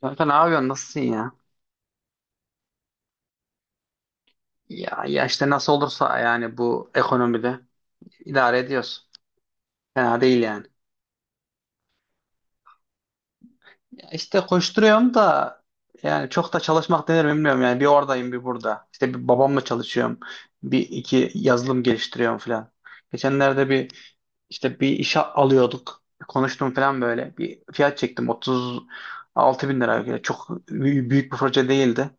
Kanka ne yapıyorsun? Nasılsın ya? Ya, işte nasıl olursa yani, bu ekonomide idare ediyoruz. Fena değil yani. Ya işte koşturuyorum da, yani çok da çalışmak denir mi bilmiyorum yani. Bir oradayım bir burada. İşte bir babamla çalışıyorum. Bir iki yazılım geliştiriyorum falan. Geçenlerde bir işte bir işe alıyorduk. Konuştum falan böyle. Bir fiyat çektim. 36 bin lira. Yani çok büyük büyük bir proje değildi.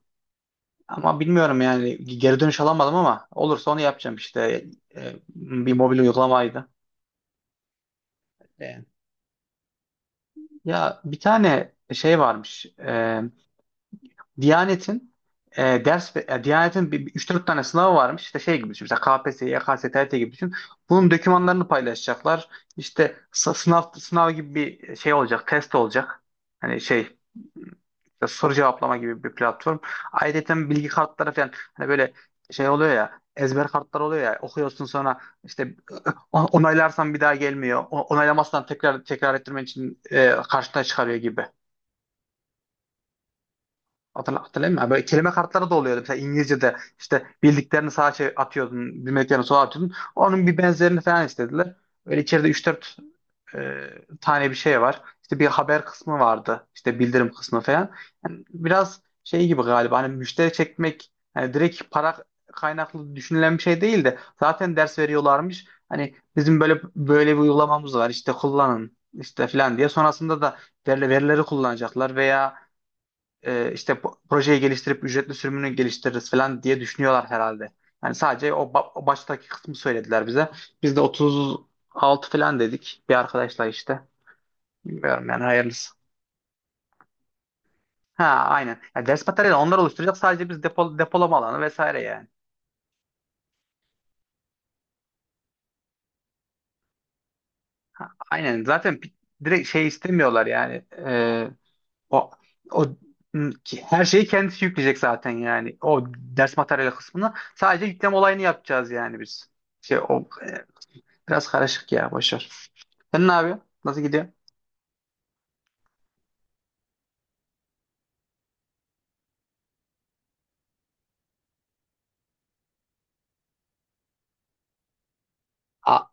Ama bilmiyorum yani, geri dönüş alamadım ama olursa onu yapacağım işte. Bir mobil uygulamaydı. E, Ya bir tane şey varmış. Diyanet'in üç dört tane sınavı varmış. İşte şey gibi düşün. Mesela KPSS, YKS, TRT gibi düşün. Bunun dokümanlarını paylaşacaklar. İşte sınav sınav gibi bir şey olacak, test olacak. Hani şey işte, soru cevaplama gibi bir platform. Ayrıca bilgi kartları falan, hani böyle şey oluyor ya, ezber kartlar oluyor ya, okuyorsun, sonra işte onaylarsan bir daha gelmiyor. Onaylamazsan tekrar tekrar ettirmen için karşına çıkarıyor gibi. Hatırlayayım mı? Böyle kelime kartları da oluyordu. Mesela İngilizce'de işte bildiklerini sağa şey atıyordun, bilmediklerini sola atıyordun. Onun bir benzerini falan istediler. Böyle içeride üç dört e, tane bir şey var. İşte bir haber kısmı vardı. İşte bildirim kısmı falan. Yani biraz şey gibi galiba, hani müşteri çekmek, hani direkt para kaynaklı düşünülen bir şey değil de zaten ders veriyorlarmış. Hani bizim böyle böyle bir uygulamamız var. İşte kullanın işte falan diye. Sonrasında da verileri kullanacaklar veya işte projeyi geliştirip ücretli sürümünü geliştiririz falan diye düşünüyorlar herhalde. Yani sadece o baştaki kısmı söylediler bize. Biz de 36 falan dedik bir arkadaşla işte. Bilmiyorum yani, hayırlısı. Ha, aynen. Yani ders materyali onlar oluşturacak, sadece biz depolama alanı vesaire yani. Aynen, zaten direkt şey istemiyorlar yani. O o Her şeyi kendisi yükleyecek zaten yani. O ders materyali kısmını sadece yükleme olayını yapacağız yani biz. Şey o e, Biraz karışık ya, boş ver. Sen ne yapıyorsun? Nasıl gidiyor? A-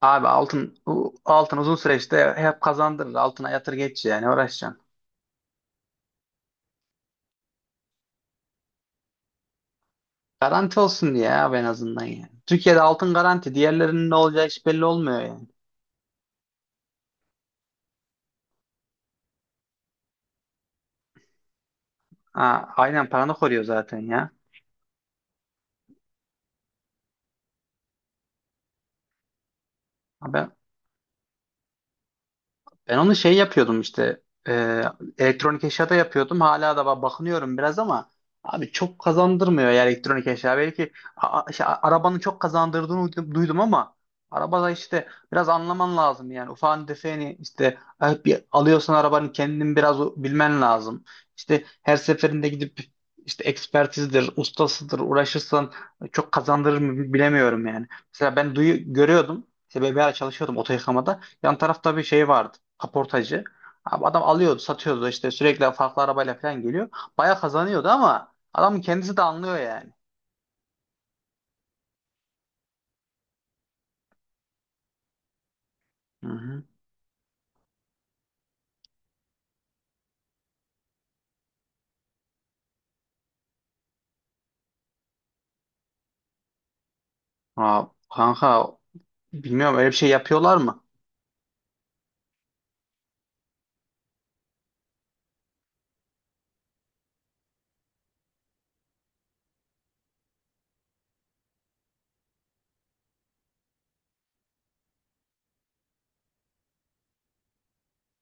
Abi, altın uzun süreçte hep kazandırır. Altına yatır geç, yani uğraşacaksın. Garanti olsun diye abi, en azından yani. Türkiye'de altın garanti. Diğerlerinin ne olacağı hiç belli olmuyor yani. Ha, aynen, paranı koruyor zaten ya. Abi, ben onu şey yapıyordum işte, e, elektronik eşyada yapıyordum. Hala da bakınıyorum biraz ama abi, çok kazandırmıyor ya elektronik eşya. Belki işte arabanın çok kazandırdığını duydum ama arabada işte biraz anlaman lazım yani. Ufağını defeni işte, bir alıyorsan arabanın kendini biraz bilmen lazım. İşte her seferinde gidip işte ekspertizdir, ustasıdır uğraşırsan çok kazandırır mı bilemiyorum yani. Mesela ben duyu görüyordum. İşte BBA çalışıyordum oto yıkamada. Yan tarafta bir şey vardı, kaportacı. Abi, adam alıyordu, satıyordu, işte sürekli farklı arabayla falan geliyor. Baya kazanıyordu ama adamın kendisi de anlıyor yani. Hı hı. Aa, kanka, bilmiyorum, öyle bir şey yapıyorlar mı?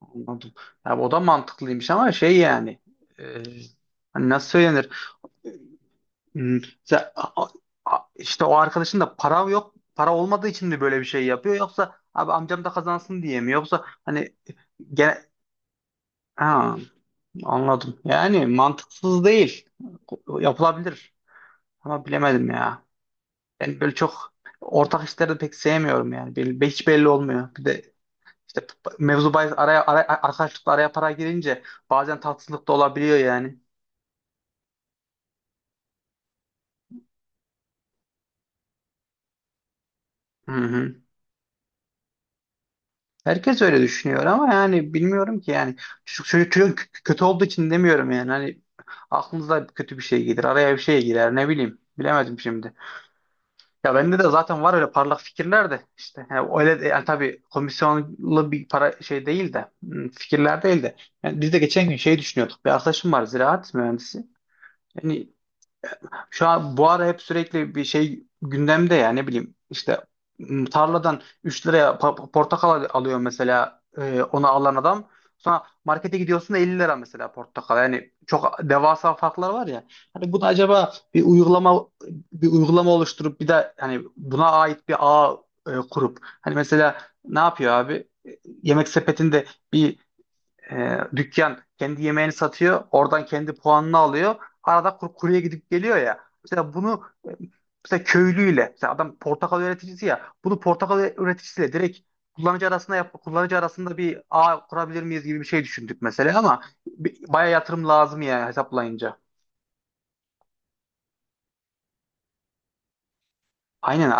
Anladım. Ya o da mantıklıymış ama şey yani, e, hani nasıl söylenir? Hmm, sen- a- işte o arkadaşın da para yok, para olmadığı için mi böyle bir şey yapıyor, yoksa abi amcam da kazansın diye mi, yoksa hani gene. Ha, anladım. Yani mantıksız değil. Yapılabilir. Ama bilemedim ya. Ben böyle çok ortak işleri de pek sevmiyorum yani. Hiç belli olmuyor. Bir de işte mevzu bahis, araya arkadaşlıkla araya para girince bazen tatsızlık da olabiliyor yani. Hı hı. Herkes öyle düşünüyor ama yani, bilmiyorum ki yani. Çocuk kötü olduğu için demiyorum yani. Hani aklınıza kötü bir şey gelir. Araya bir şey girer. Ne bileyim. Bilemedim şimdi. Ya bende de zaten var öyle parlak fikirler de işte, yani öyle de, yani tabii komisyonlu bir para şey değil de, fikirler değil de, yani biz de geçen gün şey düşünüyorduk. Bir arkadaşım var ziraat mühendisi, yani şu an bu ara hep sürekli bir şey gündemde ya, ne bileyim işte, tarladan 3 liraya portakal alıyor mesela, onu alan adam. Sonra markete gidiyorsun da 50 lira mesela portakal. Yani çok devasa farklar var ya. Hani bunu acaba bir uygulama, oluşturup, bir de hani buna ait bir ağ kurup, hani mesela ne yapıyor abi? Yemek sepetinde bir dükkan kendi yemeğini satıyor. Oradan kendi puanını alıyor. Arada kuruya gidip geliyor ya. Mesela bunu, e, mesela köylüyle, mesela adam portakal üreticisi ya. Bunu portakal üreticisiyle direkt kullanıcı arasında kullanıcı arasında bir ağ kurabilir miyiz gibi bir şey düşündük mesela, ama bayağı yatırım lazım ya hesaplayınca. Aynen,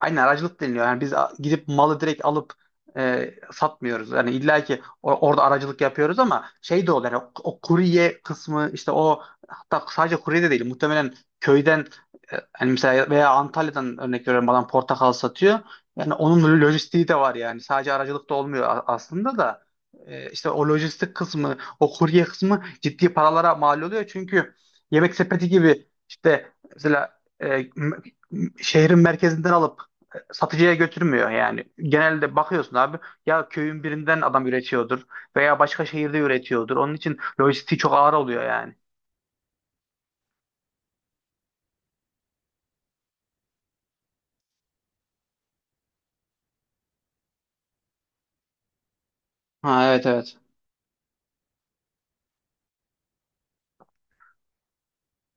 aynen, aracılık deniliyor. Yani biz gidip malı direkt alıp satmıyoruz. Yani illa ki orada aracılık yapıyoruz ama şey de oluyor. Yani, o kurye kısmı işte, o, hatta sadece kurye de değil. Muhtemelen köyden, hani mesela veya Antalya'dan örnek veriyorum, adam portakal satıyor. Yani onun lojistiği de var yani. Sadece aracılık da olmuyor aslında da. İşte o lojistik kısmı, o kurye kısmı ciddi paralara mal oluyor. Çünkü yemek sepeti gibi işte, mesela, m- şehrin merkezinden alıp satıcıya götürmüyor yani. Genelde bakıyorsun abi, ya köyün birinden adam üretiyordur, veya başka şehirde üretiyordur. Onun için lojistiği çok ağır oluyor yani. Ha, evet, evet.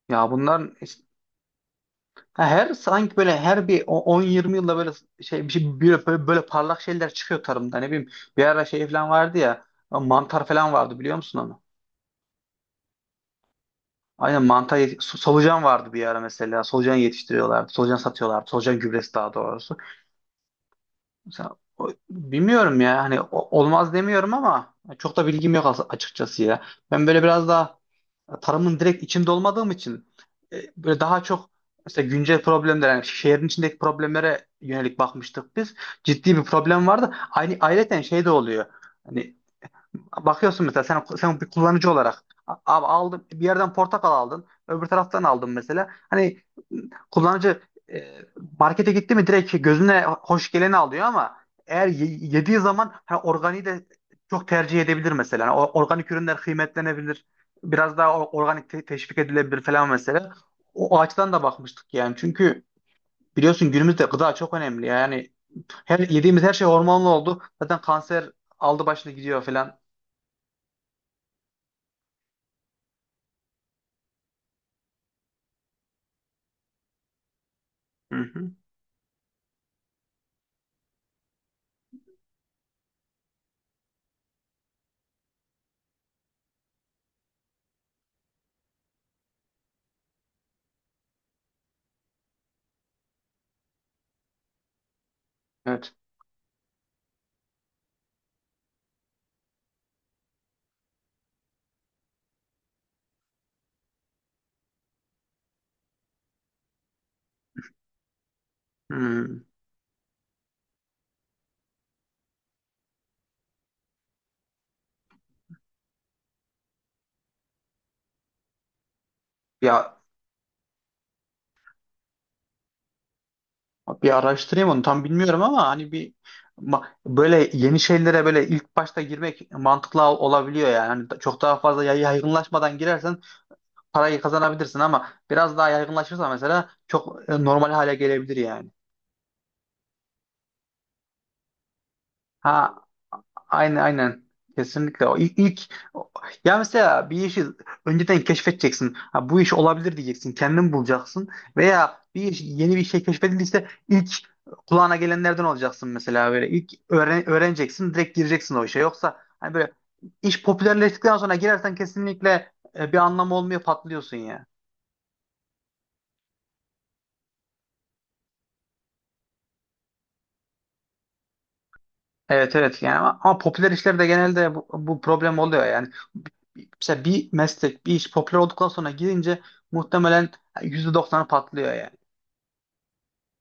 Ya bunlar her sanki böyle, her bir 10-20 yılda böyle şey, bir şey böyle parlak şeyler çıkıyor tarımda. Ne bileyim, bir ara şey falan vardı ya, mantar falan vardı, biliyor musun onu? Aynen, mantar solucan vardı bir ara mesela. Solucan yetiştiriyorlardı. Solucan satıyorlardı. Solucan gübresi daha doğrusu. Mesela, bilmiyorum ya, hani olmaz demiyorum ama çok da bilgim yok açıkçası ya. Ben böyle biraz daha tarımın direkt içinde olmadığım için, böyle daha çok mesela güncel problemler, yani şehrin içindeki problemlere yönelik bakmıştık biz. Ciddi bir problem vardı. Aynı ayrıca şey de oluyor. Hani, bakıyorsun mesela, sen bir kullanıcı olarak, abi aldım bir yerden portakal, aldın öbür taraftan aldın mesela, hani kullanıcı e, markete gitti mi direkt gözüne hoş geleni alıyor, ama eğer yediği zaman, organiği de çok tercih edebilir mesela. Yani organik ürünler kıymetlenebilir. Biraz daha organik teşvik edilebilir falan mesela. O açıdan da bakmıştık yani. Çünkü biliyorsun, günümüzde gıda çok önemli. Yani her yediğimiz her şey hormonlu oldu. Zaten kanser aldı başını gidiyor falan. Hı hı. Evet. Hmm. Ya bir araştırayım onu, tam bilmiyorum ama, hani bir böyle yeni şeylere böyle ilk başta girmek mantıklı olabiliyor yani. Hani çok daha fazla yaygınlaşmadan girersen parayı kazanabilirsin, ama biraz daha yaygınlaşırsa mesela çok normal hale gelebilir yani. Ha, aynen, aynen. Kesinlikle. O ilk ya, mesela bir işi önceden keşfedeceksin. Ha, bu iş olabilir diyeceksin. Kendin bulacaksın. Veya bir iş, yeni bir şey keşfedildiyse ilk kulağına gelenlerden olacaksın mesela böyle. İlk öğreneceksin, direkt gireceksin o işe. Yoksa hani böyle, iş popülerleştikten sonra girersen kesinlikle bir anlamı olmuyor, patlıyorsun ya. Evet, evet, yani, ama popüler işlerde genelde bu problem oluyor. Yani mesela bir meslek, bir iş popüler olduktan sonra girince muhtemelen %90'ı patlıyor yani.